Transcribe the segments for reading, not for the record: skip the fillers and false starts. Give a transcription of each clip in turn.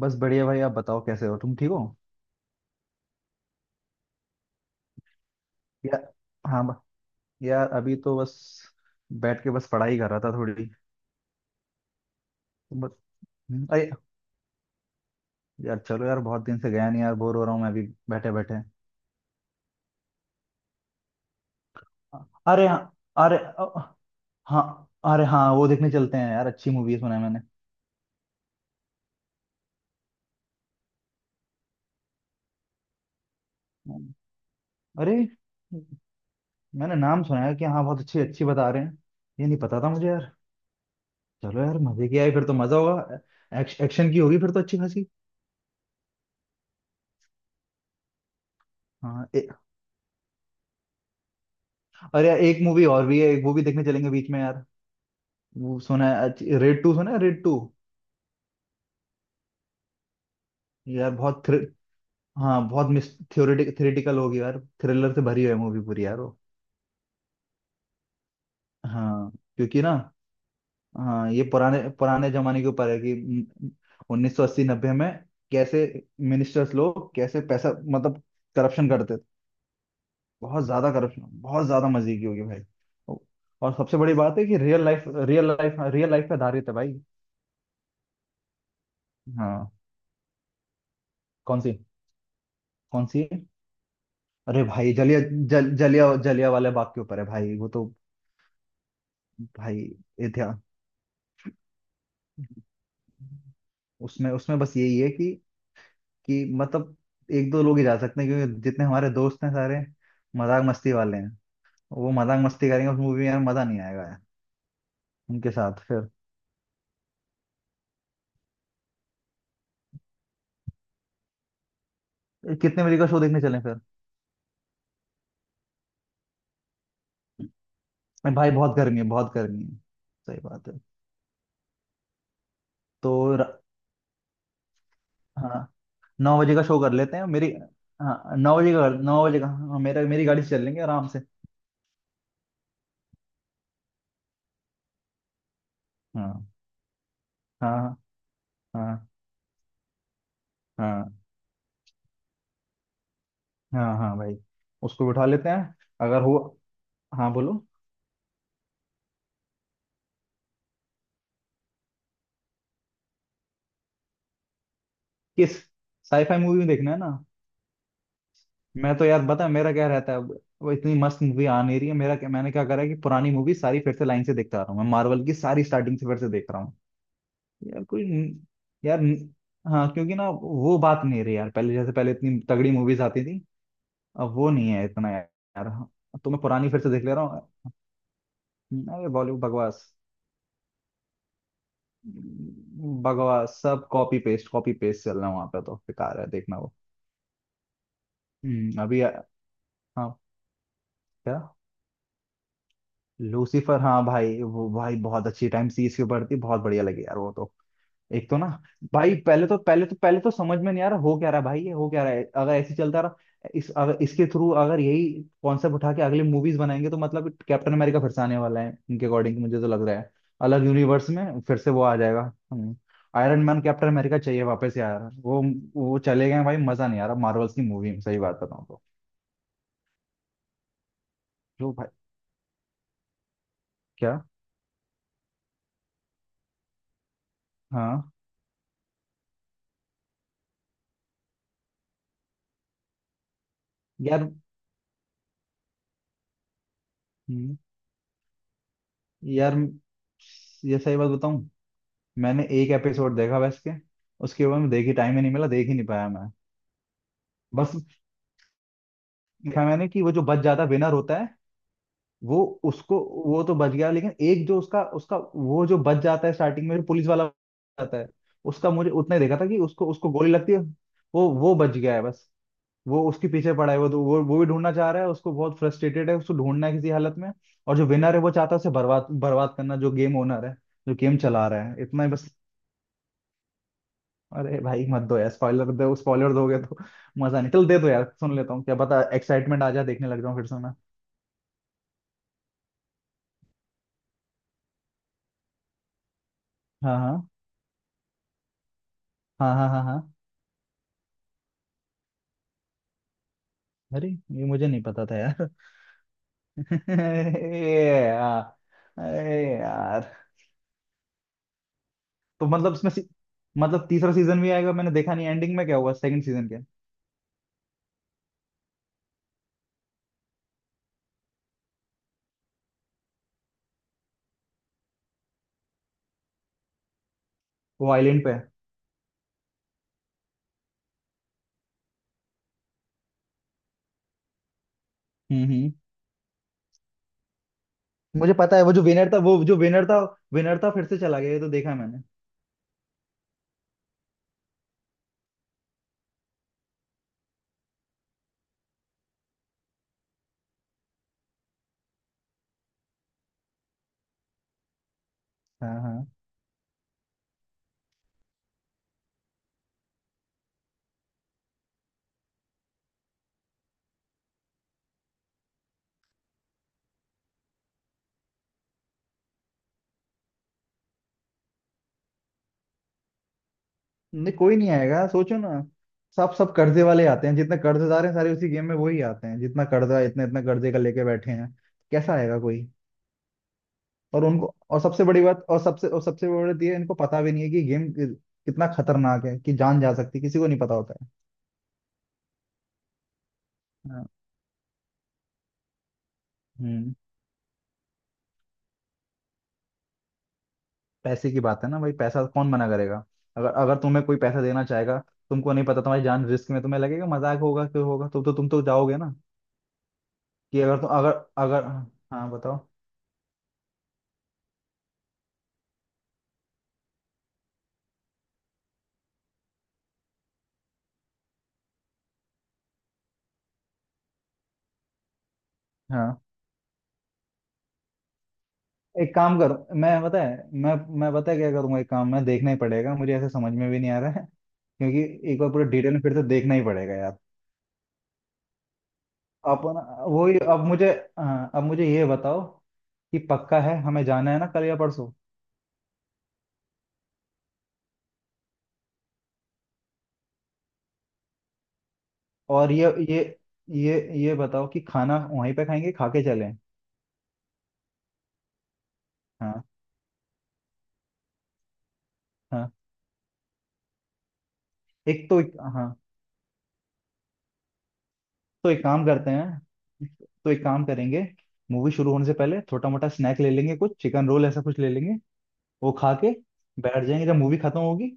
बस बढ़िया भाई। आप बताओ कैसे हो, तुम ठीक हो? या हाँ ब- यार अभी तो बस बैठ के बस पढ़ाई कर रहा था थोड़ी। तो बस अरे यार चलो यार, बहुत दिन से गया नहीं यार, बोर हो रहा हूँ मैं अभी बैठे बैठे। अरे हाँ। अरे अ, हाँ अरे हाँ, वो देखने चलते हैं यार, अच्छी मूवी है सुना है मैंने। हम्म, अरे मैंने नाम सुना है कि हाँ, बहुत अच्छी अच्छी बता रहे हैं। ये नहीं पता था मुझे यार। चलो यार, मजे की आई फिर तो मजा होगा। एक्शन की होगी फिर तो अच्छी खासी। हाँ ए, अरे यार एक मूवी और भी है, एक वो भी देखने चलेंगे बीच में यार। वो सुना है रेड टू सुना है रेड टू। यार बहुत थ्रि, हाँ बहुत मिस थ्योरेटिक थ्योरेटिकल होगी यार, थ्रिलर से भरी है मूवी पूरी यार वो। हाँ क्योंकि ना, हाँ ये पुराने पुराने जमाने के ऊपर है कि 1980-90 में कैसे मिनिस्टर्स लोग कैसे पैसा मतलब करप्शन करते थे। बहुत ज्यादा करप्शन, बहुत ज्यादा मजे की होगी भाई। और सबसे बड़ी बात है कि रियल लाइफ रियल लाइफ पे आधारित है भाई। हाँ। कौन सी? कौन सी? अरे भाई जलिया, जलिया वाले बाग के ऊपर है भाई वो तो। भाई इतिहास। उसमें उसमें बस यही है कि मतलब एक दो लोग ही जा सकते हैं क्योंकि जितने हमारे दोस्त हैं सारे मजाक मस्ती वाले हैं। वो मजाक मस्ती करेंगे उस मूवी में यार, मजा नहीं आएगा यार उनके साथ फिर। कितने बजे का शो देखने चलें फिर? अरे भाई बहुत गर्मी है, बहुत गर्मी है। सही बात है। तो र- हाँ 9 बजे का शो कर लेते हैं मेरी। हाँ नौ बजे का, नौ बजे का, हाँ, मेरा मेरी गाड़ी से चल लेंगे आराम से। हाँ। हाँ हाँ हाँ। हाँ हाँ भाई, उसको बिठा लेते हैं अगर हो। हाँ बोलो। किस साईफाई मूवी में देखना है ना? मैं तो यार, बता मेरा क्या रहता है। वो इतनी मस्त मूवी आ नहीं रही है। मेरा क्या, मैंने क्या करा है कि पुरानी मूवी सारी फिर से लाइन से देखता आ रहा हूँ मैं, मार्वल की सारी स्टार्टिंग से फिर से देख रहा हूँ। यार कोई न- यार न- हाँ क्योंकि ना वो बात नहीं रही यार, पहले जैसे पहले इतनी तगड़ी मूवीज आती थी, अब वो नहीं है इतना यार। यार, तो मैं पुरानी फिर से देख ले रहा हूँ। अरे बॉलीवुड बकवास, बकवास, सब कॉपी पेस्ट, कॉपी पेस्ट चल रहा है, वहां पे तो बेकार है देखना वो। हम्म, अभी आ- हाँ। क्या? लूसीफर? हाँ भाई वो भाई बहुत अच्छी टाइम सीरीज के ऊपर थी, बहुत बढ़िया लगी यार वो तो। एक तो ना भाई, पहले तो समझ में नहीं आ रहा हो क्या रहा है, भाई ये हो क्या रहा है। अगर ऐसे ही चलता रहा इस अगर इसके थ्रू अगर यही कॉन्सेप्ट उठा के अगली मूवीज बनाएंगे तो मतलब कैप्टन अमेरिका फिर से आने वाला है इनके अकॉर्डिंग, मुझे तो लग रहा है अलग यूनिवर्स में फिर से वो आ जाएगा। आयरन मैन कैप्टन अमेरिका चाहिए वापस यार वो। वो चले गए भाई, मजा नहीं आ रहा मार्वल्स की मूवी में सही बात बताऊं तो। जो भाई, क्या? हाँ। यार हम्म, यार ये सही बात बताऊं, मैंने एक एपिसोड देखा बस के, उसके बाद में देखी, टाइम ही नहीं मिला, देख ही नहीं पाया मैं। बस देखा मैंने कि वो जो बच जाता विनर होता है, वो उसको, वो तो बच गया, लेकिन एक जो उसका उसका वो जो बच जाता है स्टार्टिंग में जो पुलिस वाला आता है, उसका मुझे उतना ही देखा था कि उसको उसको गोली लगती है। वो बच गया है बस। वो उसके पीछे पड़ा है वो तो, वो भी ढूंढना चाह रहा है उसको, बहुत फ्रस्ट्रेटेड है, उसको ढूंढना है किसी हालत में। और जो विनर है वो चाहता है उसे बर्बाद बर्बाद करना, जो गेम ओनर है, जो गेम चला रहा है, इतना ही बस। अरे भाई मत दो यार स्पॉइलर, दो स्पॉइलर दोगे तो मजा नहीं, चल दे दो यार, सुन लेता हूँ, क्या पता एक्साइटमेंट आ जाए, देखने लग जाऊँ फिर से मैं। हाँ हाँ हाँ हाँ। हाँ हाँ। अरे ये मुझे नहीं पता था यार। ए यार, ए यार। तो मतलब इसमें सी, मतलब तीसरा सीजन भी आएगा? मैंने देखा नहीं एंडिंग में क्या हुआ सेकंड सीजन के। वो आइलैंड पे। हम्म। मुझे पता है वो जो विनर था, वो जो विनर था फिर से चला गया, ये तो देखा मैंने। हाँ हाँ। नहीं कोई नहीं आएगा, सोचो ना, सब सब कर्जे वाले आते हैं जितने कर्जेदार हैं सारे उसी गेम में वही आते हैं, जितना कर्जा इतने इतने कर्जे का लेके बैठे हैं। कैसा आएगा कोई। और उनको, और सबसे बड़ी बात, और सबसे बड़ी बात ये है, इनको पता भी नहीं है कि गेम कितना खतरनाक है, कि जान जा सकती है, किसी को नहीं पता होता है। हाँ, हम्म पैसे की बात है ना भाई, पैसा कौन मना करेगा। अगर अगर तुम्हें कोई पैसा देना चाहेगा, तुमको नहीं पता तुम्हारी जान रिस्क में, तुम्हें लगेगा मजाक होगा, क्यों होगा तो तुम तो जाओगे ना। कि अगर तुम अगर, अगर हाँ हाँ, बताओ। हाँ एक काम करो, मैं पता है मैं पता है क्या करूंगा एक काम, मैं देखना ही पड़ेगा मुझे, ऐसे समझ में भी नहीं आ रहा है क्योंकि एक बार पूरे डिटेल में फिर से देखना ही पड़ेगा यार। अपन, वही, अब मुझे हाँ, अब मुझे ये बताओ कि पक्का है हमें जाना है ना कल या परसों? और ये, ये बताओ कि खाना वहीं पे खाएंगे खा के चलें? हाँ। हाँ हाँ तो एक काम करते हैं, तो एक काम करेंगे मूवी शुरू होने से पहले, छोटा मोटा स्नैक ले लेंगे कुछ, चिकन रोल ऐसा कुछ ले लेंगे। वो खा के बैठ जाएंगे, जब मूवी खत्म होगी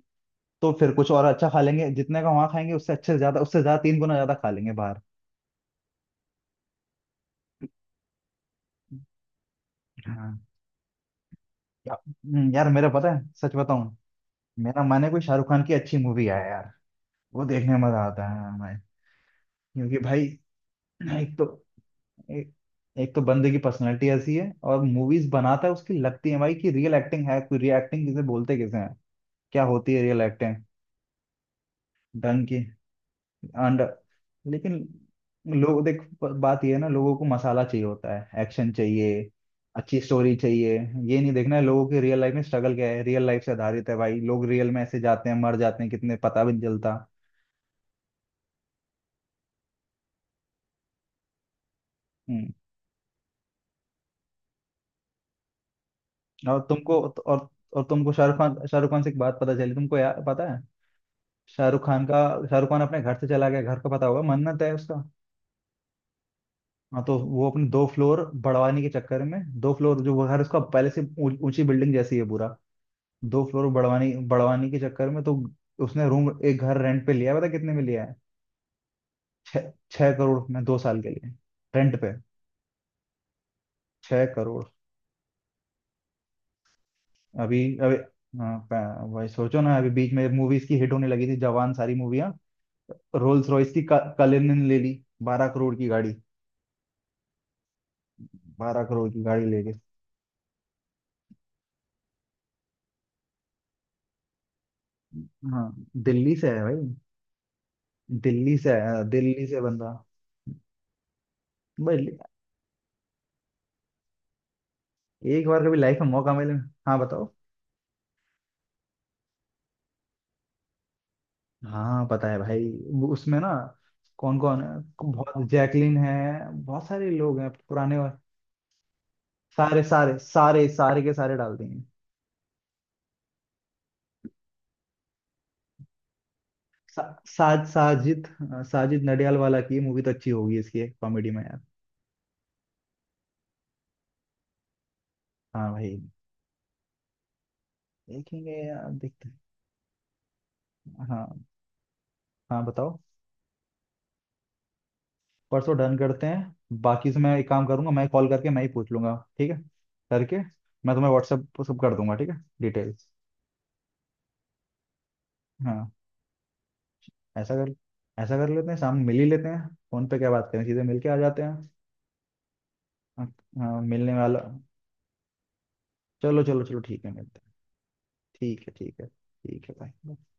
तो फिर कुछ और अच्छा खा लेंगे, जितने का वहां खाएंगे उससे अच्छे से ज्यादा, उससे ज्यादा 3 गुना ज्यादा खा लेंगे बाहर। हाँ यार मेरा पता है, सच बताऊं, मेरा मन है कोई शाहरुख खान की अच्छी मूवी आए यार, वो देखने में मजा आता है हमें, क्योंकि भाई एक तो एक, एक तो बंदे की पर्सनैलिटी ऐसी है और मूवीज बनाता है उसकी, लगती है भाई कि रियल एक्टिंग है, कोई रियल एक्टिंग किसे बोलते किसे हैं, क्या होती है रियल एक्टिंग, ढंग की। अंडा, लेकिन लोग देख बात ये है ना, लोगों को मसाला चाहिए होता है, एक्शन चाहिए, अच्छी स्टोरी चाहिए, ये नहीं देखना है लोगों के रियल लाइफ में स्ट्रगल क्या है, रियल लाइफ से आधारित है भाई, लोग रियल में ऐसे जाते हैं मर जाते हैं कितने, पता भी नहीं चलता। हम्म। और तुमको, और तुमको शाहरुख खान, शाहरुख खान से एक बात पता चली तुमको यार पता है? शाहरुख खान का, शाहरुख खान अपने घर से चला गया, घर का पता होगा मन्नत है उसका। हाँ तो वो अपने 2 फ्लोर बढ़वाने के चक्कर में, 2 फ्लोर, जो वो घर उसका पहले से ऊंची बिल्डिंग जैसी है पूरा, 2 फ्लोर बढ़वाने बढ़वाने के चक्कर में तो उसने रूम एक घर रेंट पे लिया है, पता कितने में लिया है? छह, 6 करोड़ में 2 साल के लिए रेंट पे। 6 करोड़। अभी अभी हाँ, वही सोचो ना, अभी बीच में मूवीज की हिट होने लगी थी जवान, सारी मूवियां, रोल्स रॉयस की कलिनन ले ली, बारह करोड़ की गाड़ी, 12 करोड़ की गाड़ी लेके। हाँ दिल्ली से है भाई, दिल्ली से है, दिल्ली से बंदा। भाई एक बार कभी लाइफ में मौका मिले। हाँ बताओ। हाँ पता है भाई, वो उसमें ना कौन कौन है? बहुत, जैकलिन है, बहुत सारे लोग हैं पुराने और सारे सारे सारे सारे के सारे डाल देंगे। सा, साज साजिद हाँ, साजिद नडियाल वाला की मूवी तो अच्छी होगी इसकी कॉमेडी में यार। हाँ भाई, देखेंगे यार, देखते हैं। हाँ हाँ बताओ। परसों डन करते हैं, बाकी से मैं एक काम करूंगा मैं कॉल करके मैं ही पूछ लूंगा ठीक है, करके मैं तुम्हें व्हाट्सएप सब कर दूंगा ठीक है डिटेल्स। हाँ ऐसा कर, ऐसा कर लेते हैं शाम मिल ही लेते हैं, फोन पे क्या बात करें, सीधे मिल के आ जाते हैं। हाँ हाँ, मिलने वाला। चलो चलो चलो ठीक है, मिलते हैं। ठीक है ठीक है ठीक है भाई।